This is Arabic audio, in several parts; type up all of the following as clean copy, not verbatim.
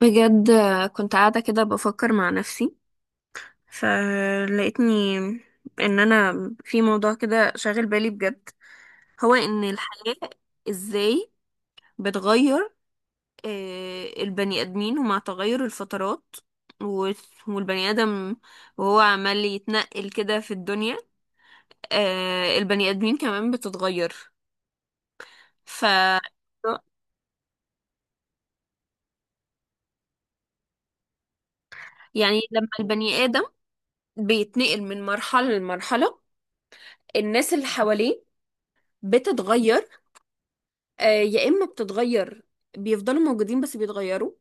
بجد، كنت قاعدة كده بفكر مع نفسي فلقيتني ان انا في موضوع كده شاغل بالي بجد. هو ان الحياة ازاي بتغير. البني ادمين ومع تغير الفترات و- والبني ادم وهو عمال يتنقل كده في الدنيا، البني ادمين كمان بتتغير. ف يعني لما البني ادم بيتنقل من مرحلة لمرحلة، الناس اللي حواليه بتتغير. يا اما بتتغير، بيفضلوا موجودين بس بيتغيروا،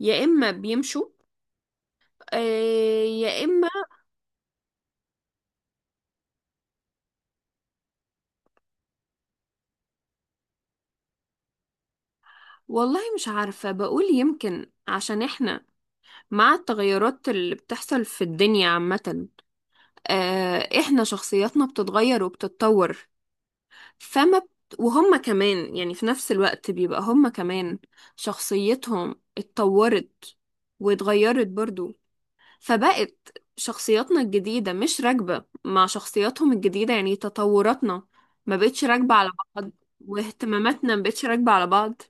يا اما بيمشوا. يا اما والله مش عارفة. بقول يمكن عشان احنا مع التغيرات اللي بتحصل في الدنيا عامة، احنا شخصياتنا بتتغير وبتتطور. فما بت... وهم كمان يعني في نفس الوقت بيبقى هم كمان شخصيتهم اتطورت واتغيرت برضو، فبقت شخصياتنا الجديدة مش راكبة مع شخصياتهم الجديدة. يعني تطوراتنا ما بقتش راكبة على بعض، واهتماماتنا ما بقتش راكبة على بعض.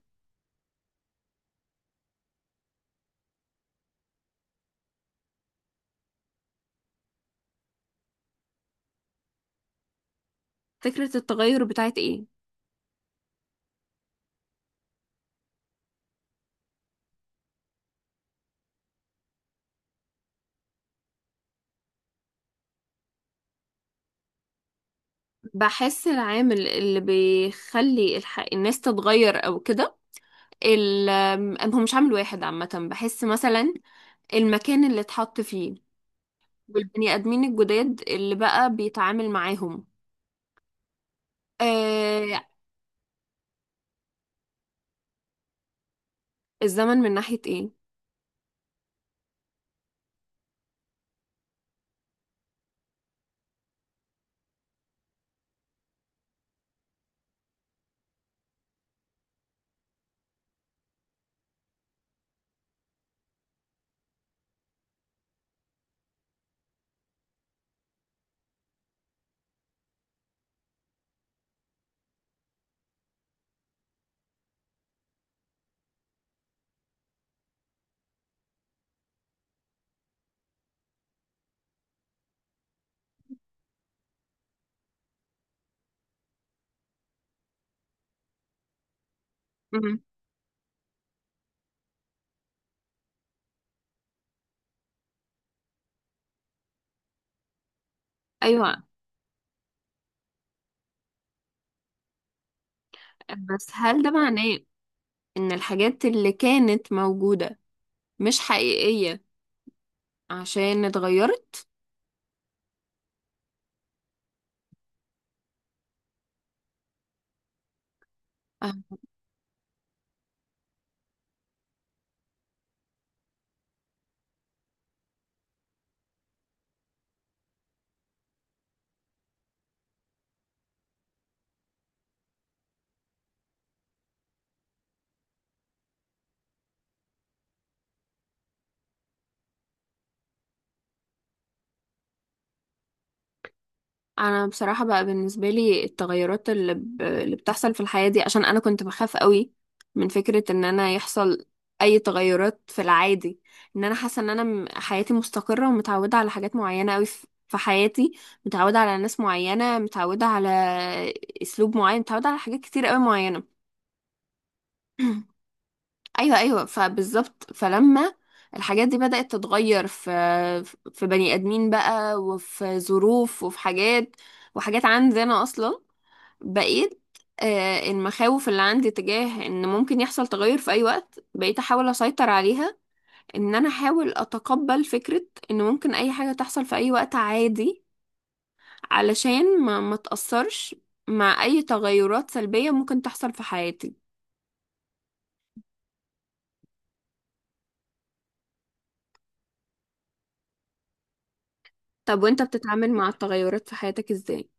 فكرة التغير بتاعت ايه؟ بحس العامل اللي بيخلي الناس تتغير او كده، ال... هو مش عامل واحد عامة. بحس مثلا المكان اللي اتحط فيه والبني آدمين الجداد اللي بقى بيتعامل معاهم، آه... الزمن من ناحية ايه؟ مم. ايوه، بس هل ده معناه ان الحاجات اللي كانت موجودة مش حقيقية عشان اتغيرت؟ أه. انا بصراحة بقى بالنسبة لي التغيرات اللي بتحصل في الحياة دي، عشان انا كنت بخاف قوي من فكرة ان انا يحصل اي تغيرات. في العادي ان انا حاسة ان انا حياتي مستقرة ومتعودة على حاجات معينة قوي في حياتي، متعودة على ناس معينة، متعودة على اسلوب معين، متعودة على حاجات كتير قوي معينة. ايوه فبالظبط. فلما الحاجات دي بدأت تتغير في بني ادمين بقى، وفي ظروف وفي حاجات وحاجات عندي انا اصلا، بقيت المخاوف اللي عندي تجاه ان ممكن يحصل تغير في اي وقت، بقيت احاول اسيطر عليها. ان انا احاول اتقبل فكرة ان ممكن اي حاجة تحصل في اي وقت عادي، علشان ما تأثرش مع اي تغيرات سلبية ممكن تحصل في حياتي. طب وانت بتتعامل مع التغيرات في حياتك ازاي؟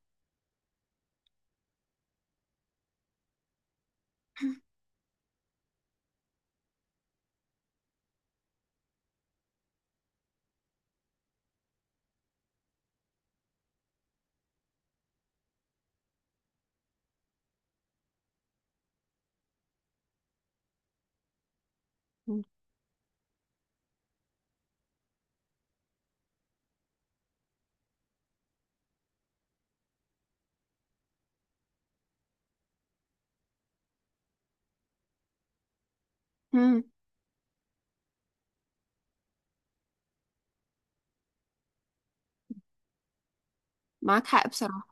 مم. معاك حق بصراحة.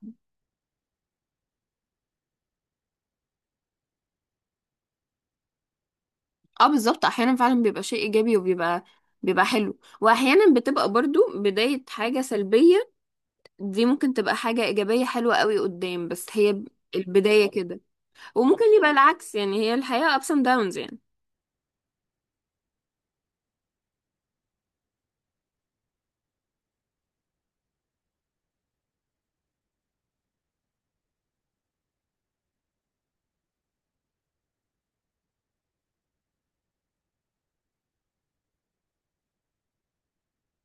اه بالظبط، احيانا فعلا بيبقى شيء ايجابي وبيبقى، بيبقى حلو، واحيانا بتبقى برضو بداية حاجة سلبية. دي ممكن تبقى حاجة ايجابية حلوة قوي قدام، بس هي البداية كده، وممكن يبقى العكس. يعني هي الحياة ups and downs يعني.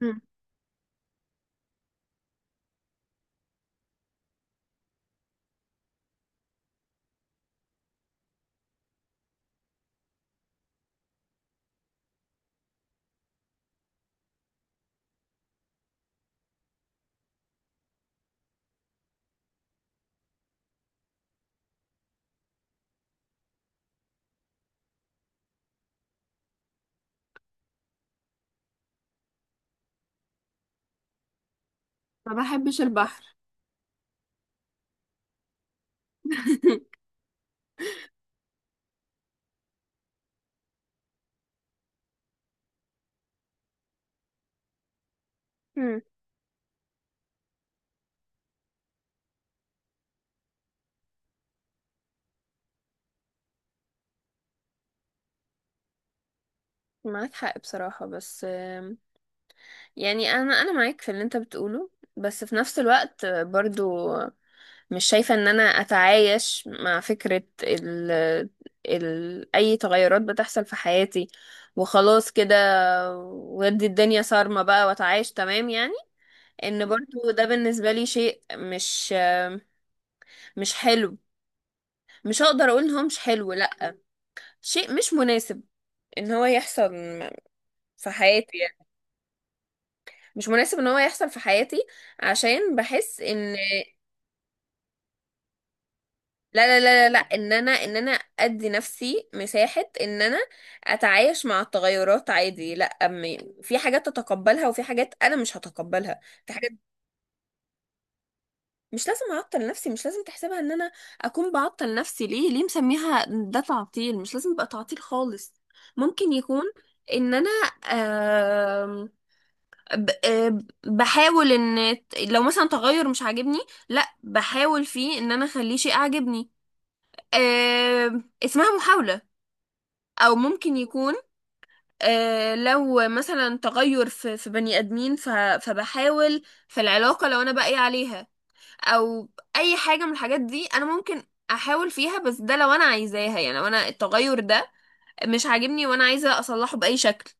مم. ما بحبش البحر. مم. معاك حق بصراحة، بس يعني انا معاك في اللي انت بتقوله، بس في نفس الوقت برضو مش شايفة ان انا اتعايش مع فكرة ال اي تغيرات بتحصل في حياتي وخلاص كده، ودي الدنيا صارمة بقى واتعايش تمام يعني. ان برضو ده بالنسبة لي شيء مش، مش حلو. مش هقدر اقول ان هو مش حلو، لا، شيء مش مناسب ان هو يحصل في حياتي يعني. مش مناسب ان هو يحصل في حياتي، عشان بحس ان لا ان انا ادي نفسي مساحة ان انا اتعايش مع التغيرات عادي. لا في حاجات تتقبلها وفي حاجات انا مش هتقبلها، في حاجات مش لازم اعطل نفسي. مش لازم تحسبها ان انا اكون بعطل نفسي. ليه ليه مسميها ده تعطيل؟ مش لازم يبقى تعطيل خالص. ممكن يكون ان انا، آم، ب- آم، بحاول ان لو مثلا تغير مش عاجبني، لا بحاول فيه ان انا اخليه شيء اعجبني. اسمها محاولة. او ممكن يكون لو مثلا تغير في بني ادمين فبحاول في العلاقه لو انا باقي عليها، او اي حاجه من الحاجات دي انا ممكن احاول فيها، بس ده لو انا عايزاها. يعني لو انا التغير ده مش عاجبني وانا عايزه اصلحه باي شكل.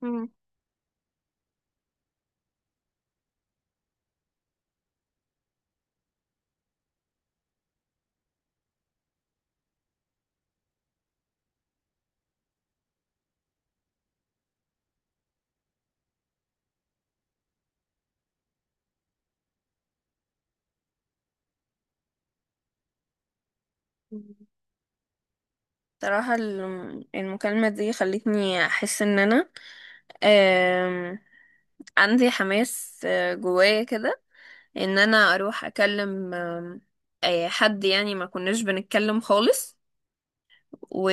مم. صراحة المكالمة دي خلتني أحس إن أنا، آم، عندي حماس جوايا كده ان انا اروح اكلم، آم، آه، حد يعني ما كناش بنتكلم خالص، و-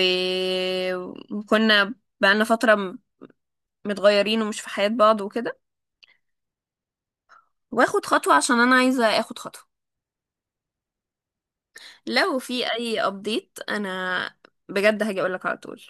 وكنا بقالنا فترة متغيرين ومش في حياة بعض وكده. واخد خطوة، عشان انا عايزة اخد خطوة. لو في اي ابديت انا بجد هاجي اقولك على طول.